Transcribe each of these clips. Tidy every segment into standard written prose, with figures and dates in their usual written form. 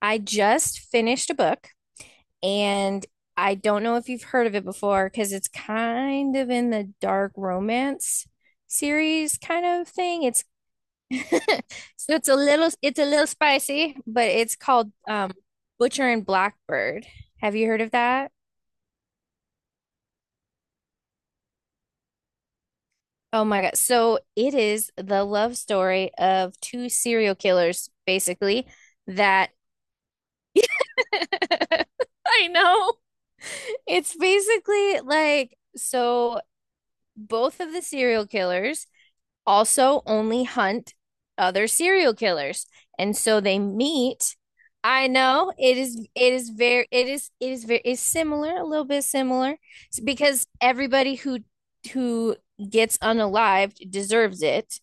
I just finished a book and I don't know if you've heard of it before because it's kind of in the dark romance series kind of thing. It's So it's a little spicy, but it's called Butcher and Blackbird. Have you heard of that? Oh my God. So it is the love story of two serial killers, basically, that I know. It's basically like so both of the serial killers also only hunt other serial killers. And so they meet. I know, it is very it is very is similar, a little bit similar because everybody who gets unalived deserves it.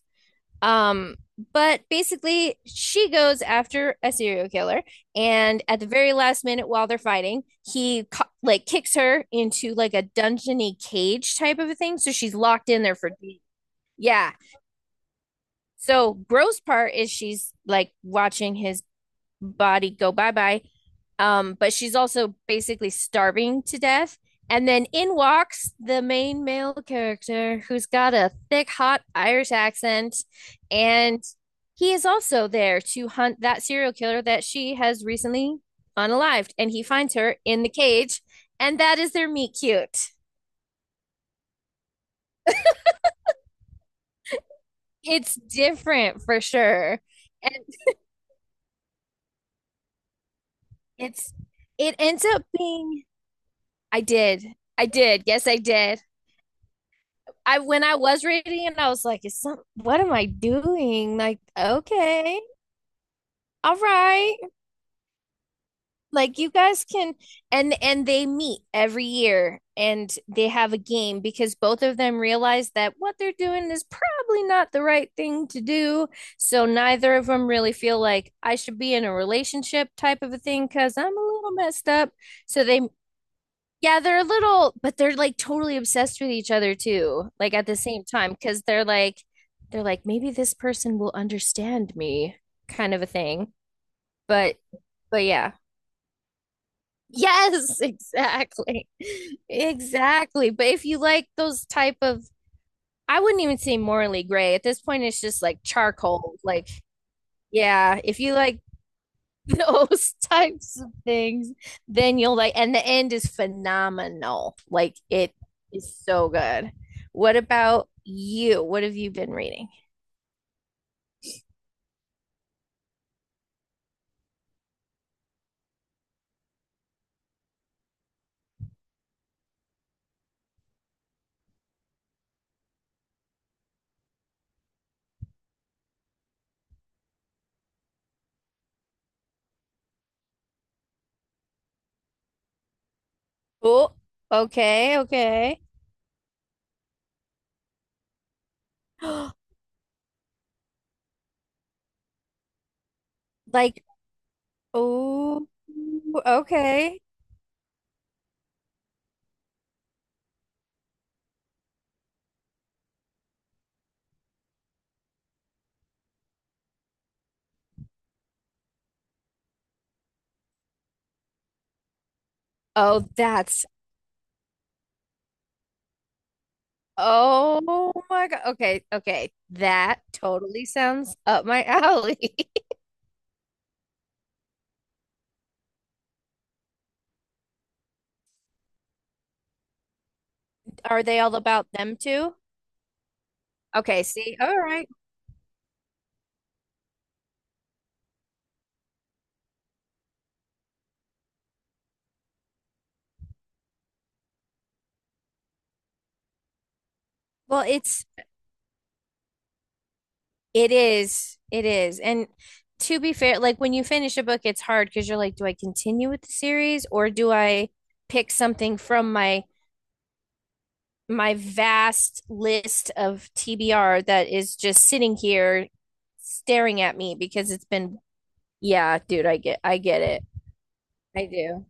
Um, but basically, she goes after a serial killer, and at the very last minute, while they're fighting, he like kicks her into like a dungeony cage type of a thing, so she's locked in there for, yeah. So gross part is she's like watching his body go bye bye. But she's also basically starving to death. And then in walks the main male character who's got a thick, hot Irish accent. And he is also there to hunt that serial killer that she has recently unalived. And he finds her in the cage. And that is their meet cute. It's different for sure. And it's, it ends up being. I did. I did. Yes, I did. I when I was reading it, I was like, "Is some what am I doing?" Like, okay, all right, like you guys can, and they meet every year and they have a game because both of them realize that what they're doing is probably not the right thing to do. So neither of them really feel like I should be in a relationship type of a thing because I'm a little messed up. So they. Yeah, they're a little, but they're like totally obsessed with each other too, like at the same time, because they're like, maybe this person will understand me, kind of a thing. But, but yeah. Yes, exactly. Exactly. But if you like those type of, I wouldn't even say morally gray. At this point, it's just like charcoal. Like, yeah, if you like those types of things, then you'll like, and the end is phenomenal. Like it is so good. What about you? What have you been reading? Oh, okay, okay. Like, oh, okay. Oh, that's, oh my God. Okay, okay. That totally sounds up my alley. Are they all about them too? Okay, see, all right. Well, it is. It is. And to be fair, like when you finish a book, it's hard because you're like, do I continue with the series or do I pick something from my vast list of TBR that is just sitting here staring at me because it's been, yeah, dude, I get it. I do.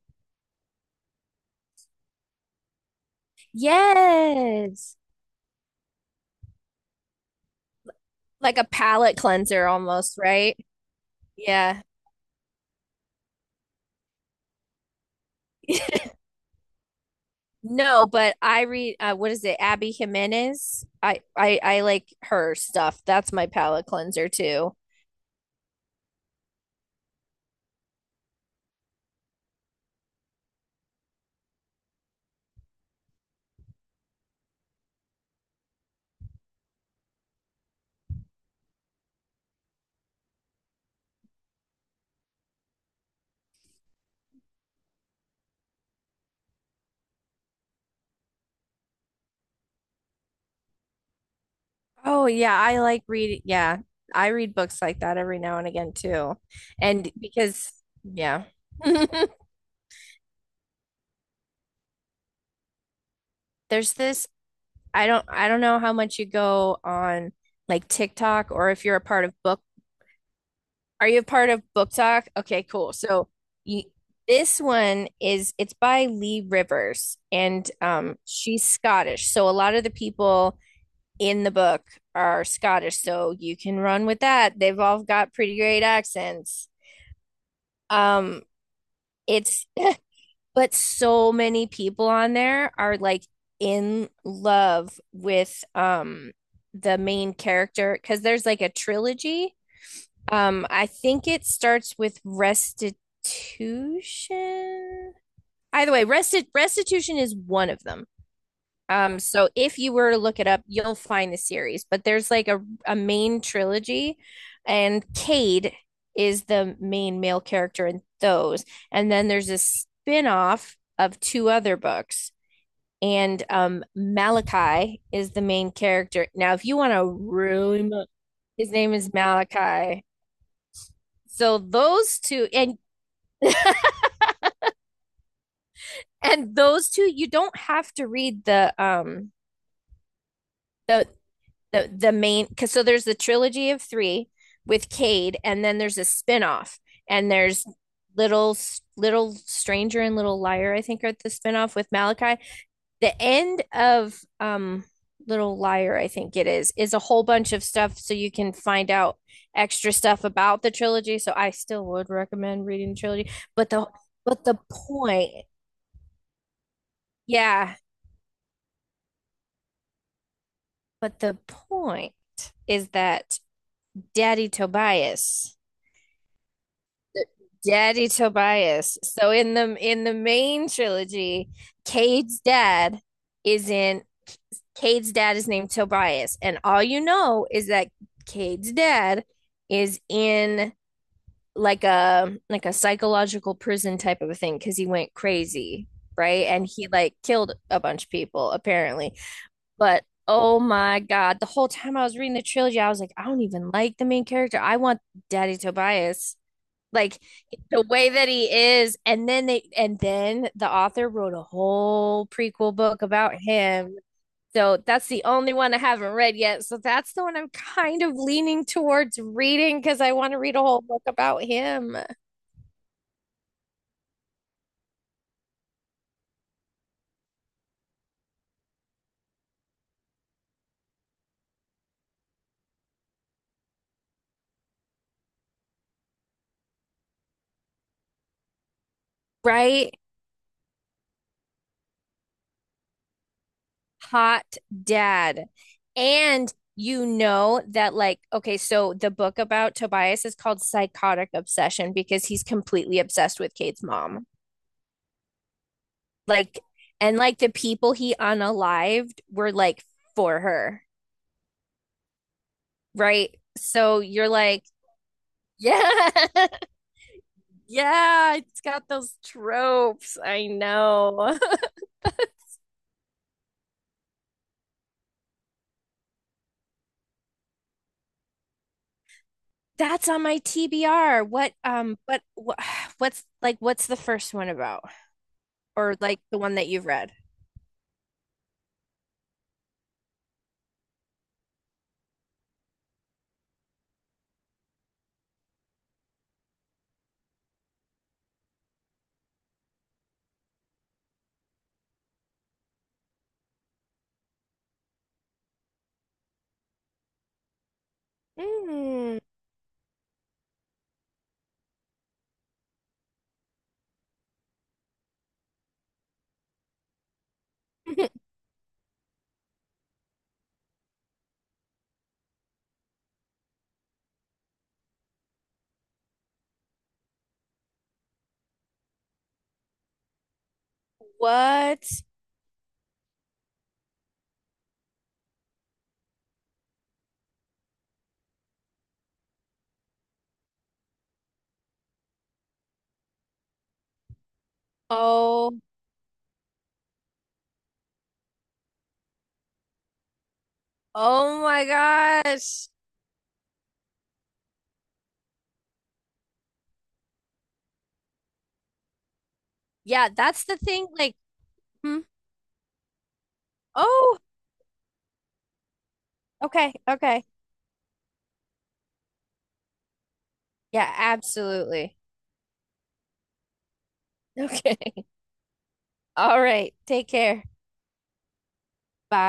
Yes. Like a palate cleanser almost, right? Yeah. No, but I read what is it, Abby Jimenez? I like her stuff. That's my palate cleanser too. Oh yeah, I like reading. Yeah, I read books like that every now and again too. And because, yeah. There's this I don't know how much you go on like TikTok or if you're a part of book. Are you a part of Book Talk? Okay, cool. So you, this one is, it's by Lee Rivers and she's Scottish. So a lot of the people in the book are Scottish, so you can run with that. They've all got pretty great accents. Um it's But so many people on there are like in love with the main character because there's like a trilogy, I think it starts with restitution. Either way, restitution is one of them. So if you were to look it up, you'll find the series. But there's like a main trilogy, and Cade is the main male character in those. And then there's a spin-off of two other books. And Malachi is the main character. Now, if you want to really, his name is Malachi. So those two and those two you don't have to read the the main cuz so there's the trilogy of 3 with Cade, and then there's a spinoff, and there's little little stranger and little liar, I think, are the spinoff with Malachi. The end of little liar, I think it is a whole bunch of stuff, so you can find out extra stuff about the trilogy, so I still would recommend reading the trilogy, but the but the point, yeah. But the point is that Daddy Tobias, Daddy Tobias. So in the main trilogy, Cade's dad is in Cade's dad is named Tobias, and all you know is that Cade's dad is in like a psychological prison type of a thing because he went crazy, right? And he like killed a bunch of people apparently. But oh my God, the whole time I was reading the trilogy, I was like, I don't even like the main character. I want Daddy Tobias. Like the way that he is. And then the author wrote a whole prequel book about him. So that's the only one I haven't read yet. So that's the one I'm kind of leaning towards reading because I want to read a whole book about him. Right? Hot dad. And you know that, like, okay, so the book about Tobias is called Psychotic Obsession because he's completely obsessed with Kate's mom. Like, and like the people he unalived were like for her, right? So you're like, yeah, yeah, it's got those tropes. I know. That's on my TBR. What but what what's the first one about? Or like the one that you've read? Mm. What? Oh, oh my gosh. Yeah, that's the thing. Like, hmm. Oh, okay, okay. Yeah, absolutely. Okay. All right. Take care. Bye.